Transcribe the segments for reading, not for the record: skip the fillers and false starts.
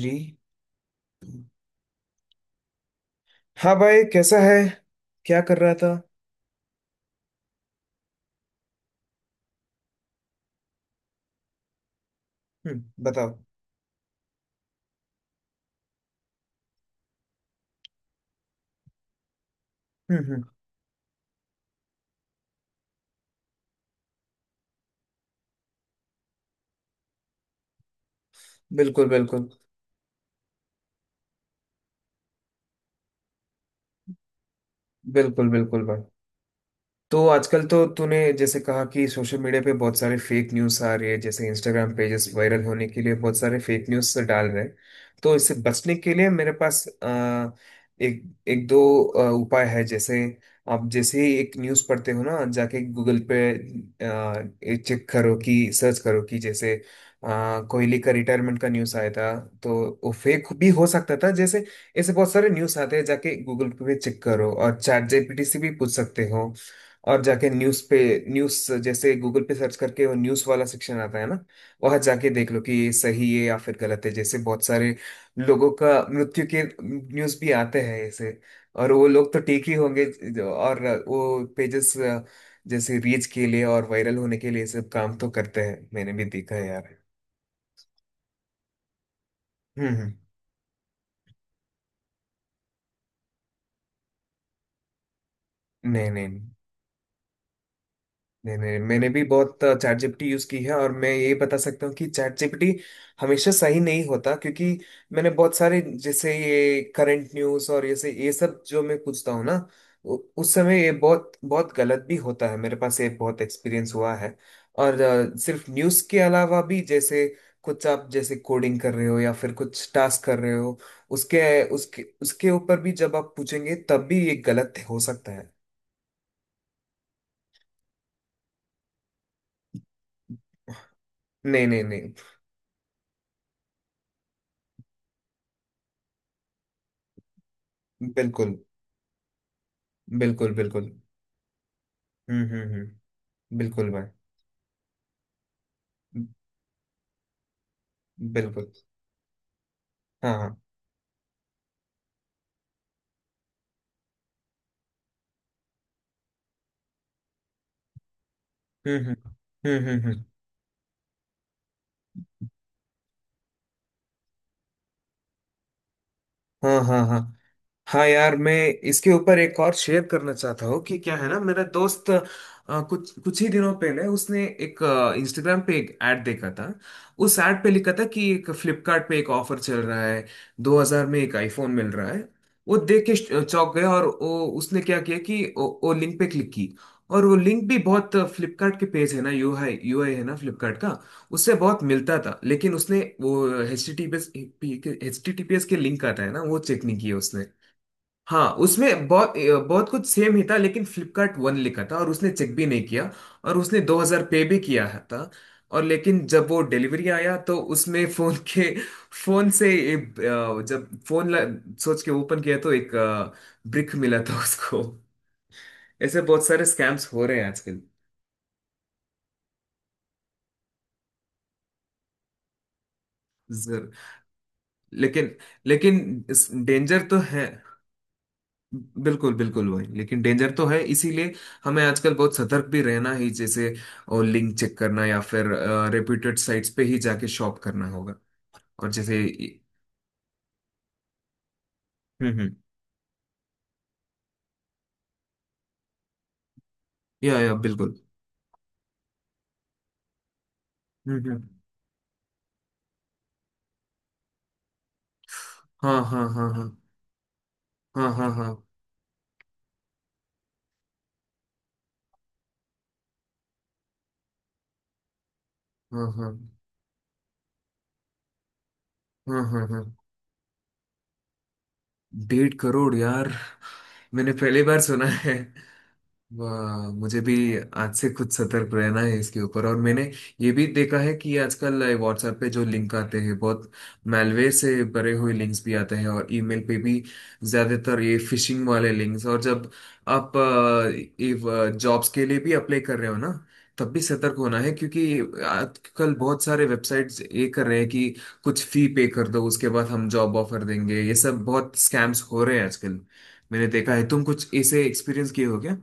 जी। हाँ भाई, कैसा है? क्या कर रहा था? हम्म, बताओ। हम्म। बिल्कुल बिल्कुल। बिल्कुल बिल्कुल भाई। तो आजकल तो तूने जैसे कहा कि सोशल मीडिया पे बहुत सारे फेक न्यूज़ आ रही है, जैसे इंस्टाग्राम पेजेस वायरल होने के लिए बहुत सारे फेक न्यूज़ डाल रहे हैं। तो इससे बचने के लिए मेरे पास एक एक दो उपाय है। जैसे आप जैसे ही एक न्यूज़ पढ़ते हो ना, जाके गूगल पे चेक करो, कि सर्च करो कि जैसे कोहली का रिटायरमेंट का न्यूज़ आया था, तो वो फेक भी हो सकता था। जैसे ऐसे बहुत सारे न्यूज़ आते हैं, जाके गूगल पे चेक करो, और चैट जीपीटी से भी पूछ सकते हो। और जाके न्यूज पे न्यूज, जैसे गूगल पे सर्च करके वो न्यूज वाला सेक्शन आता है ना, वहां जाके देख लो कि ये सही है या फिर गलत है। जैसे बहुत सारे लोगों का मृत्यु के न्यूज भी आते हैं ऐसे, और वो लोग तो ठीक ही होंगे। और वो पेजेस जैसे रीच के लिए और वायरल होने के लिए ये सब काम तो करते हैं, मैंने भी देखा है यार। हम्म। नहीं नहीं। नहीं नहीं, मैंने भी बहुत चैट जीपीटी यूज की है, और मैं ये बता सकता हूँ कि चैट जीपीटी हमेशा सही नहीं होता, क्योंकि मैंने बहुत सारे, जैसे ये करंट न्यूज और जैसे ये सब जो मैं पूछता हूँ ना, उस समय ये बहुत बहुत गलत भी होता है, मेरे पास ये बहुत एक्सपीरियंस हुआ है। और सिर्फ न्यूज के अलावा भी, जैसे कुछ आप जैसे कोडिंग कर रहे हो या फिर कुछ टास्क कर रहे हो, उसके उसके उसके ऊपर भी जब आप पूछेंगे तब भी ये गलत हो सकता है। नहीं नहीं नहीं। बिल्कुल बिल्कुल बिल्कुल। हम्म। बिल्कुल भाई। बिल्कुल। हाँ हाँ। हम्म हम्म हम्म। हाँ हाँ हाँ। हाँ यार, मैं इसके ऊपर एक और शेयर करना चाहता हूँ। कि क्या है ना, मेरा दोस्त कुछ कुछ ही दिनों पहले उसने एक इंस्टाग्राम पे एक ऐड देखा था। उस ऐड पे लिखा था कि एक फ्लिपकार्ट पे एक ऑफर चल रहा है, 2000 में एक आईफोन मिल रहा है। वो देख के चौंक गया, और वो उसने क्या किया कि वो लिंक पे क्लिक की। और वो लिंक भी बहुत फ्लिपकार्ट के पेज है ना, UI UI है ना फ्लिपकार्ट का, उससे बहुत मिलता था, लेकिन उसने वो H T T P S H T T P S के लिंक आता है ना, वो चेक नहीं किया उसने। हाँ, उसमें बहुत बहुत कुछ सेम ही था, लेकिन फ्लिपकार्ट वन लिखा था, और उसने चेक भी नहीं किया, और उसने 2000 पे भी किया था। और लेकिन जब वो डिलीवरी आया तो उसमें फोन के फोन से एक, जब फोन सोच के ओपन किया तो एक ब्रिक मिला था उसको। ऐसे बहुत सारे स्कैम्स हो रहे हैं आजकल। जर, लेकिन लेकिन डेंजर तो है। बिल्कुल बिल्कुल वही, लेकिन डेंजर तो है, इसीलिए हमें आजकल बहुत सतर्क भी रहना ही। जैसे और लिंक चेक करना, या फिर रेप्यूटेड साइट्स पे ही जाके शॉप करना होगा। और जैसे। हम्म। या बिल्कुल। हम्म हम्म। हाँ हाँ। हाँ हाँ। हाँ हाँ। हाँ हाँ। हाँ हाँ। हाँ हाँ। 1.5 करोड़ यार, मैंने पहली बार सुना है। वाह, मुझे भी आज से कुछ सतर्क रहना है इसके ऊपर। और मैंने ये भी देखा है कि आजकल व्हाट्सएप पे जो लिंक आते हैं, बहुत मैलवेयर से भरे हुए लिंक्स भी आते हैं, और ईमेल पे भी ज्यादातर ये फिशिंग वाले लिंक्स। और जब आप ये जॉब्स के लिए भी अप्लाई कर रहे हो ना, तब भी सतर्क होना है, क्योंकि आजकल बहुत सारे वेबसाइट्स ये कर रहे हैं कि कुछ फी पे कर दो, उसके बाद हम जॉब ऑफर देंगे, ये सब बहुत स्कैम्स हो रहे हैं आजकल। मैंने देखा है, तुम कुछ ऐसे एक्सपीरियंस किए हो क्या?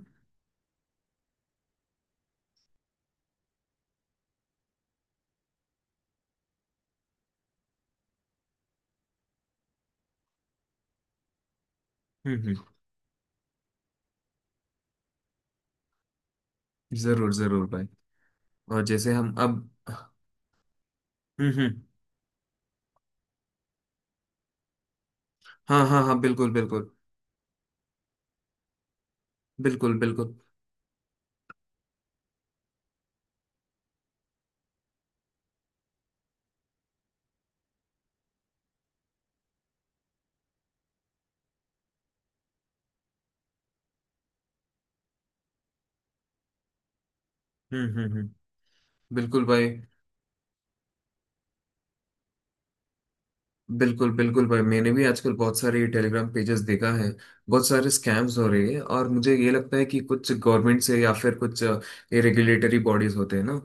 हम्म। जरूर जरूर भाई। और जैसे हम अब। हम्म। हाँ हाँ हाँ। बिल्कुल बिल्कुल। बिल्कुल बिल्कुल। हम्म। बिल्कुल भाई। बिल्कुल बिल्कुल भाई, मैंने भी आजकल बहुत सारे टेलीग्राम पेजेस देखा है, बहुत सारे स्कैम्स हो रहे हैं। और मुझे ये लगता है कि कुछ गवर्नमेंट से या फिर कुछ ये रेगुलेटरी बॉडीज होते हैं ना,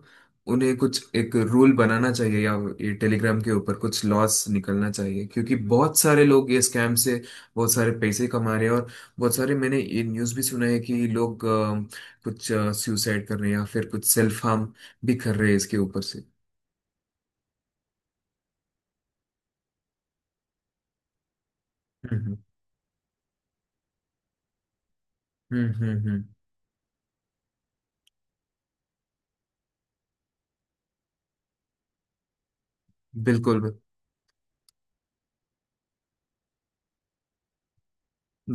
उन्हें कुछ एक रूल बनाना चाहिए, या ये टेलीग्राम के ऊपर कुछ लॉस निकलना चाहिए, क्योंकि बहुत सारे लोग ये स्कैम से बहुत सारे पैसे कमा रहे हैं। और बहुत सारे मैंने ये न्यूज़ भी सुना है कि लोग कुछ सुसाइड कर रहे हैं या फिर कुछ सेल्फ हार्म भी कर रहे हैं इसके ऊपर से। हम्म हम्म हम्म हम्म हम्म। बिल्कुल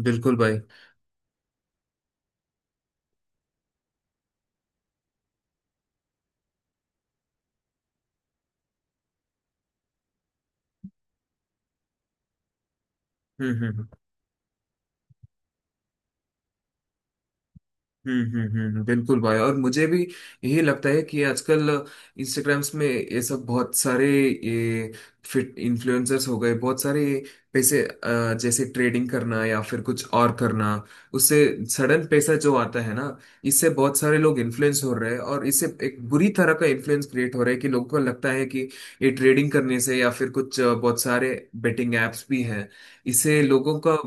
बिल्कुल भाई। हम्म हम्म बिल्कुल भाई, और मुझे भी यही लगता है कि आजकल इंस्टाग्राम्स में ये सब बहुत सारे, ये फिट इन्फ्लुएंसर्स हो गए बहुत सारे, पैसे जैसे ट्रेडिंग करना या फिर कुछ और करना, उससे सडन पैसा जो आता है ना, इससे बहुत सारे लोग इन्फ्लुएंस हो रहे हैं। और इससे एक बुरी तरह का इन्फ्लुएंस क्रिएट हो रहा है, कि लोगों को लगता है कि ये ट्रेडिंग करने से या फिर कुछ बहुत सारे बेटिंग एप्स भी हैं। इससे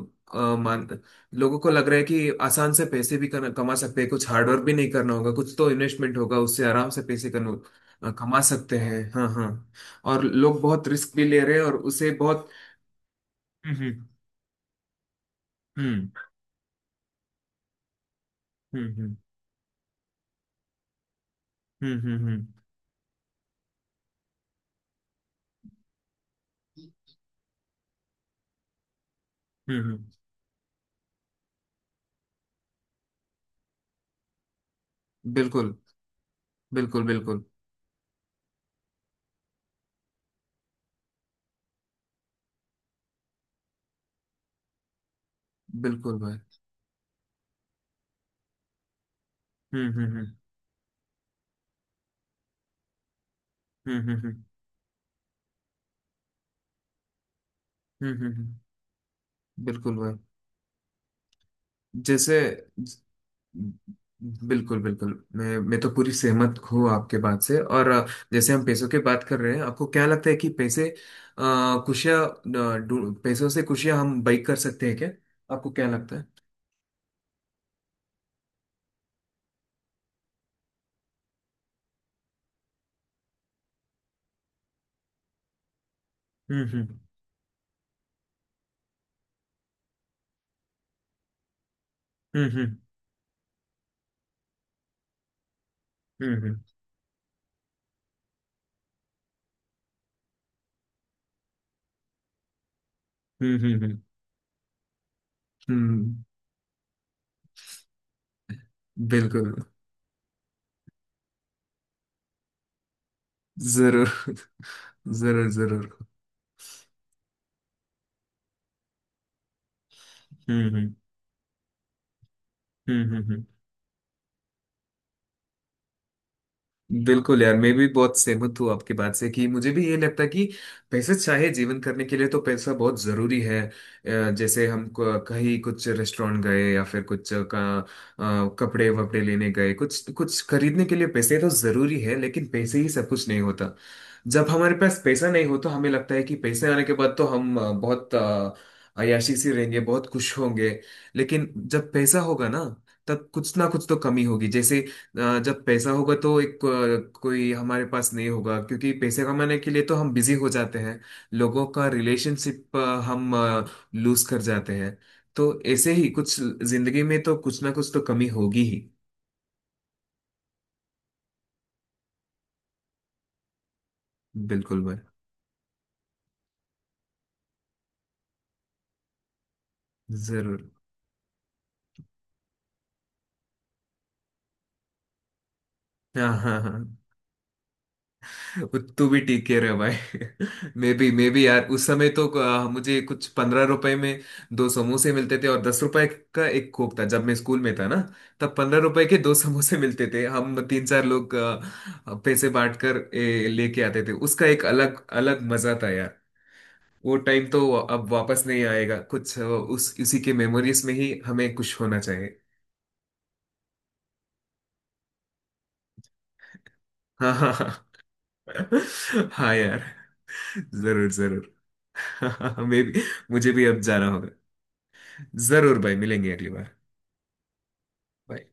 लोगों को लग रहा है कि आसान से पैसे भी कमा सकते हैं, कुछ हार्डवर्क भी नहीं करना होगा, कुछ तो इन्वेस्टमेंट होगा, उससे आराम से पैसे कमा सकते हैं। हाँ हाँ। और लोग बहुत रिस्क भी ले रहे हैं, और उसे बहुत। हम्म हम्म हम्म हम्म हम्म हम्म हम्म हम्म, हम्म, बिल्कुल बिल्कुल। बिल्कुल बिल्कुल भाई। हम्म हम्म हम्म हम्म हम्म हम्म हम्म, हम्म, बिल्कुल भाई। जैसे बिल्कुल बिल्कुल, मैं तो पूरी सहमत हूँ आपके बात से, और जैसे हम पैसों की बात कर रहे हैं, आपको क्या लगता है कि पैसे खुशियाँ पैसों से खुशियाँ हम बाइक कर सकते हैं क्या? आपको क्या लगता है? हम्म हम्म हम्म हम्म हम्म हम्म हम्म हम्म, हम्म, बिल्कुल। जरूर जरूर जरूर। हम्म हम्म हम्म हम्म हम्म। बिल्कुल यार, मैं भी बहुत सहमत हूँ आपकी बात से, कि मुझे भी ये लगता है कि पैसे, चाहे जीवन करने के लिए तो पैसा बहुत जरूरी है। जैसे हम कहीं कुछ रेस्टोरेंट गए या फिर कुछ का कपड़े वपड़े लेने गए, कुछ कुछ खरीदने के लिए पैसे तो जरूरी है, लेकिन पैसे ही सब कुछ नहीं होता। जब हमारे पास पैसा नहीं हो तो हमें लगता है कि पैसे आने के बाद तो हम बहुत अय्याशी से रहेंगे, बहुत खुश होंगे। लेकिन जब पैसा होगा ना, तब कुछ ना कुछ तो कमी होगी। जैसे जब पैसा होगा तो एक कोई हमारे पास नहीं होगा, क्योंकि पैसे कमाने के लिए तो हम बिजी हो जाते हैं। लोगों का रिलेशनशिप हम लूज कर जाते हैं। तो ऐसे ही कुछ, जिंदगी में तो कुछ ना कुछ तो कमी होगी ही। बिल्कुल भाई। जरूर। हाँ हाँ हाँ। तू भी ठीक कह रहे हो भाई। मे बी यार, उस समय तो मुझे कुछ 15 रुपए में दो समोसे मिलते थे, और 10 रुपए का एक कोक था, जब मैं स्कूल में था ना, तब 15 रुपए के दो समोसे मिलते थे। हम तीन चार लोग पैसे बांट कर लेके आते थे, उसका एक अलग अलग मजा था यार। वो टाइम तो अब वापस नहीं आएगा, कुछ उस उसी के मेमोरीज में ही हमें कुछ होना चाहिए। हाँ यार। जरूर जरूर मे भी। मुझे भी अब जाना होगा। जरूर भाई, मिलेंगे अगली बार। Bye।